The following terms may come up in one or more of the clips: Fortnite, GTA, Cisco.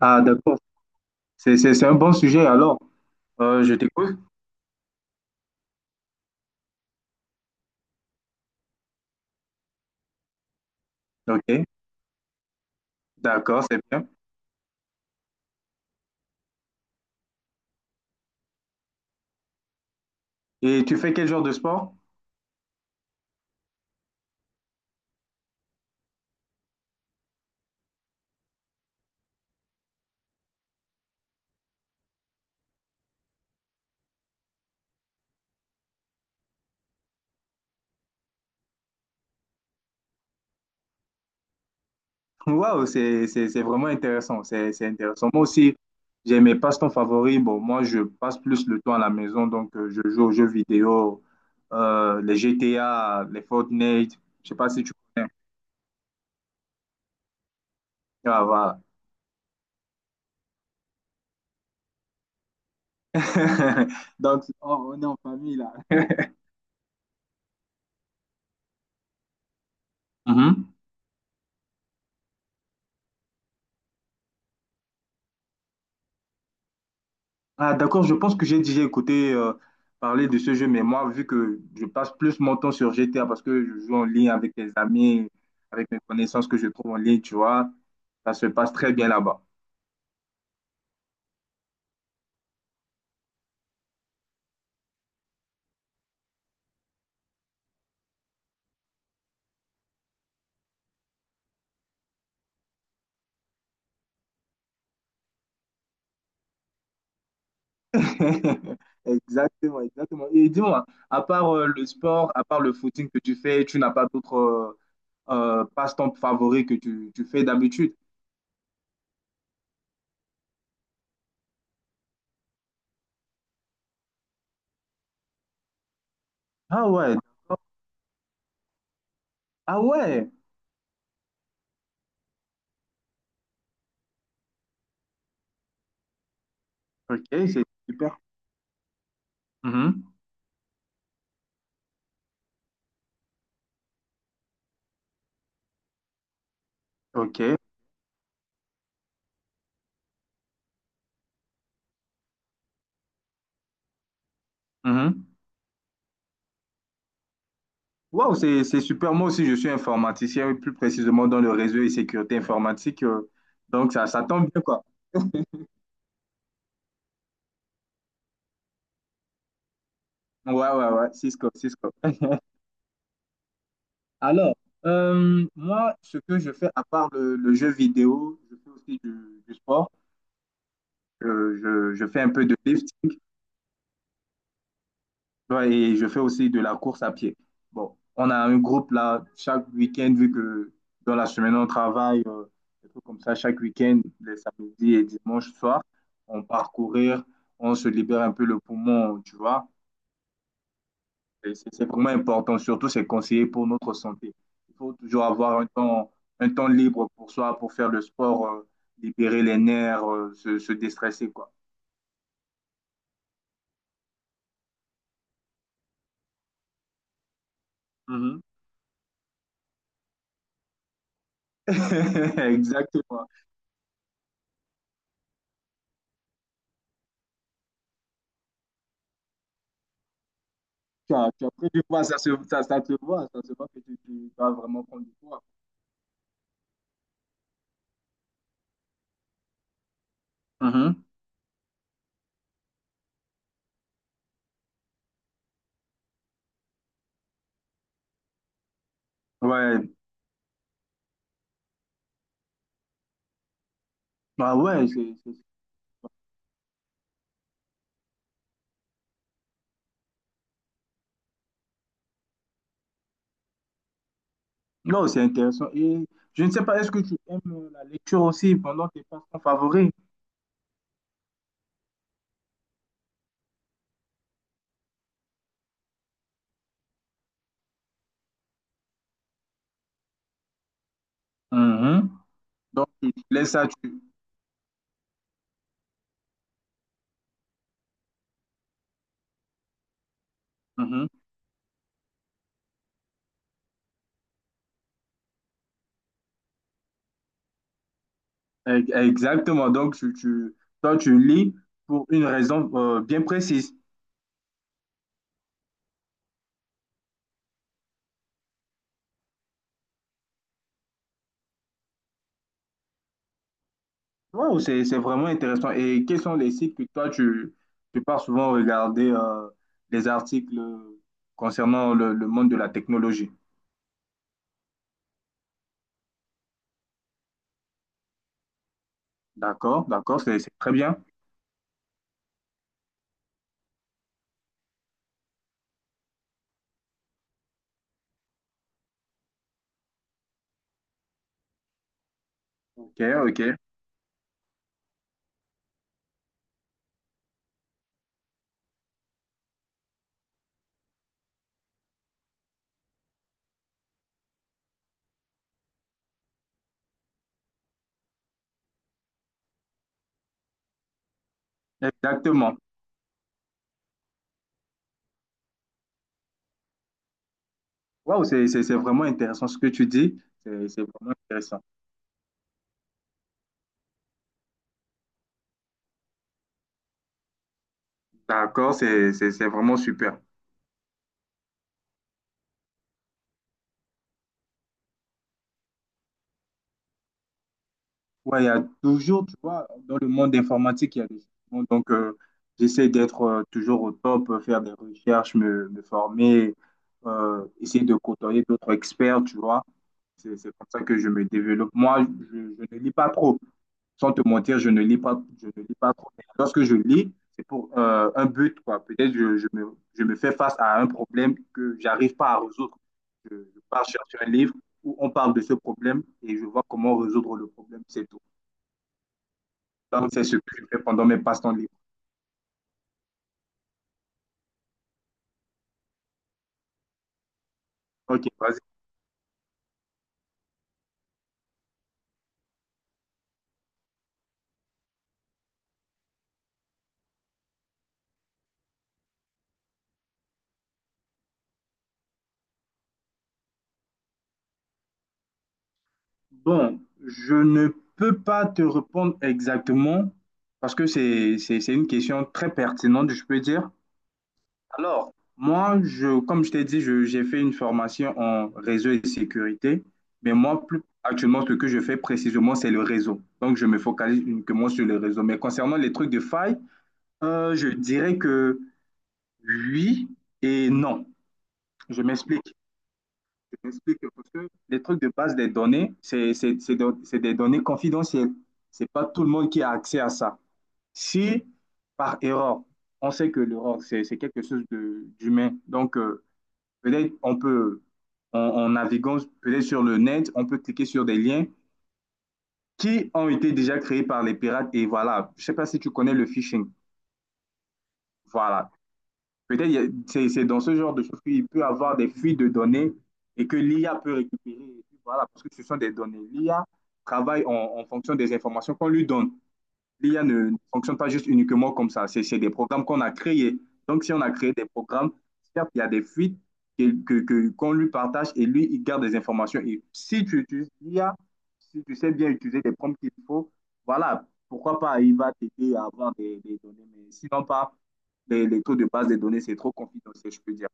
Ah, d'accord. C'est un bon sujet alors. Je t'écoute. Ok, d'accord, c'est bien. Et tu fais quel genre de sport? Waouh, c'est vraiment intéressant. C'est intéressant. Moi aussi, j'ai mes passe-temps favoris. Bon, moi, je passe plus le temps à la maison. Donc, je joue aux jeux vidéo, les GTA, les Fortnite. Je sais pas si tu connais. Ah, voilà. Donc, on est en famille là. Mhm. Ah, d'accord, je pense que j'ai déjà écouté parler de ce jeu, mais moi, vu que je passe plus mon temps sur GTA parce que je joue en ligne avec des amis, avec mes connaissances que je trouve en ligne, tu vois, ça se passe très bien là-bas. Exactement, exactement. Et dis-moi, à part le sport, à part le footing que tu fais, tu n'as pas d'autres passe-temps favoris que tu fais d'habitude? Ah ouais, d'accord. Ah ouais, ok, c'est super. Mhm. Ok. Mhm. Waouh, c'est super. Moi aussi, je suis informaticien, oui, plus précisément dans le réseau et sécurité informatique. Donc, ça tombe bien, quoi. Ouais, ouais, ouais, Cisco, Cisco. Alors, moi, ce que je fais, à part le jeu vidéo, je fais aussi du sport. Je fais un peu de lifting. Ouais, et je fais aussi de la course à pied. Bon, on a un groupe là, chaque week-end, vu que dans la semaine on travaille, des trucs comme ça, chaque week-end, les samedis et dimanches soir, on part courir, on se libère un peu le poumon, tu vois. Et c'est vraiment important, surtout c'est conseillé pour notre santé. Il faut toujours avoir un temps libre pour soi, pour faire le sport, libérer les nerfs, se déstresser, quoi. Mhm. Exactement. Tu as pris du poids, ça te voit, ça se voit que tu vas vraiment prendre du poids. Mhm. Ouais, bah ouais, non, c'est intéressant. Et je ne sais pas, est-ce que tu aimes la lecture aussi pendant tes passe-temps favoris? Mhm. Donc, tu laisses ça... Mhm. Exactement. Donc, toi, tu lis pour une raison bien précise. Wow, c'est vraiment intéressant. Et quels sont les sites que toi, tu pars souvent regarder les articles concernant le monde de la technologie? D'accord, d'accord, c'est très bien. Ok, ok. Exactement. Waouh, c'est vraiment intéressant ce que tu dis. C'est vraiment intéressant. D'accord, c'est vraiment super. Ouais, il y a toujours, tu vois, dans le monde informatique, il y a des changements. Donc, j'essaie d'être toujours au top, faire des recherches, me former, essayer de côtoyer d'autres experts, tu vois. C'est comme ça que je me développe. Moi, je ne lis pas trop. Sans te mentir, je ne lis pas trop. Mais lorsque je lis, c'est pour un but, quoi. Peut-être je me fais face à un problème que j'arrive pas à résoudre. Je pars chercher un livre où on parle de ce problème et je vois comment résoudre le problème, c'est tout. Donc, c'est ce que je fais pendant mes passe-temps libres. Ok, vas-y. Bon, je ne peux pas te répondre exactement parce que c'est une question très pertinente, je peux dire. Alors, moi, comme je t'ai dit, j'ai fait une formation en réseau et sécurité, mais moi, plus actuellement, ce que je fais précisément, c'est le réseau. Donc, je me focalise uniquement sur le réseau. Mais concernant les trucs de faille, je dirais que oui et non. Je m'explique. Je m'explique parce que les trucs de base des données, c'est des données confidentielles. C'est pas tout le monde qui a accès à ça. Si, par erreur, on sait que l'erreur, c'est quelque chose d'humain. Donc, peut-être en naviguant peut-être sur le net, on peut cliquer sur des liens qui ont été déjà créés par les pirates. Et voilà, je ne sais pas si tu connais le phishing. Voilà. Peut-être c'est dans ce genre de choses qu'il peut y avoir des fuites de données et que l'IA peut récupérer. Voilà, parce que ce sont des données. L'IA travaille en fonction des informations qu'on lui donne. L'IA ne fonctionne pas juste uniquement comme ça. C'est des programmes qu'on a créés. Donc, si on a créé des programmes, certes, il y a des fuites qu'on lui partage et lui, il garde des informations. Et si tu utilises l'IA, si tu sais bien utiliser les prompts qu'il faut, voilà, pourquoi pas, il va t'aider à avoir des données. Mais sinon, pas les taux de base des données, c'est trop confidentiel, je peux dire.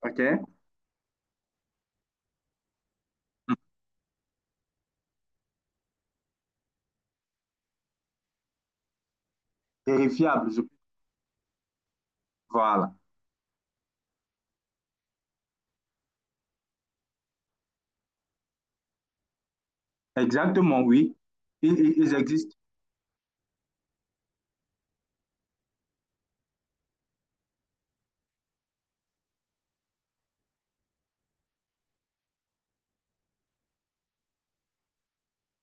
OK? Vérifiable, voilà. Exactement, oui. Ils existent.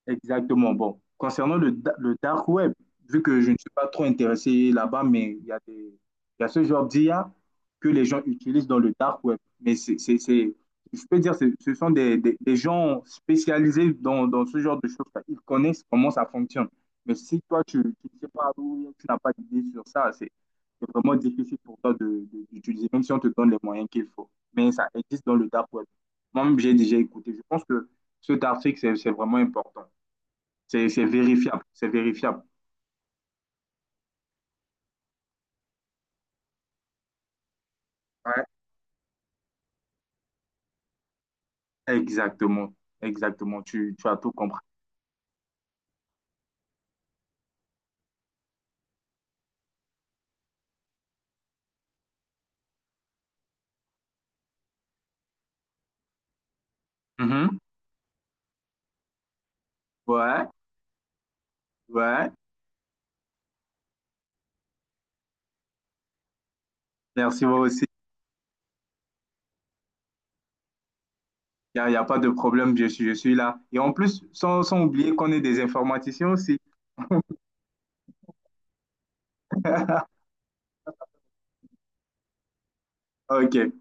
Exactement. Bon, concernant le dark web, vu que je ne suis pas trop intéressé là-bas, mais il y a ce genre d'IA que les gens utilisent dans le dark web. Mais je peux dire, ce sont des gens spécialisés dans ce genre de choses. Ils connaissent comment ça fonctionne. Mais si toi, tu ne sais pas où, tu n'as pas d'idée sur ça, c'est vraiment difficile pour toi d'utiliser, même si on te donne les moyens qu'il faut. Mais ça existe dans le dark web. Moi-même, j'ai déjà écouté. Je pense que cet article, c'est vraiment important. C'est vérifiable, c'est vérifiable. Ouais. Exactement, exactement. Tu as tout compris. Mhm. Ouais, ouais. Merci, moi aussi. Il n'y a pas de problème, je suis là. Et en plus, sans oublier qu'on est des informaticiens aussi. OK.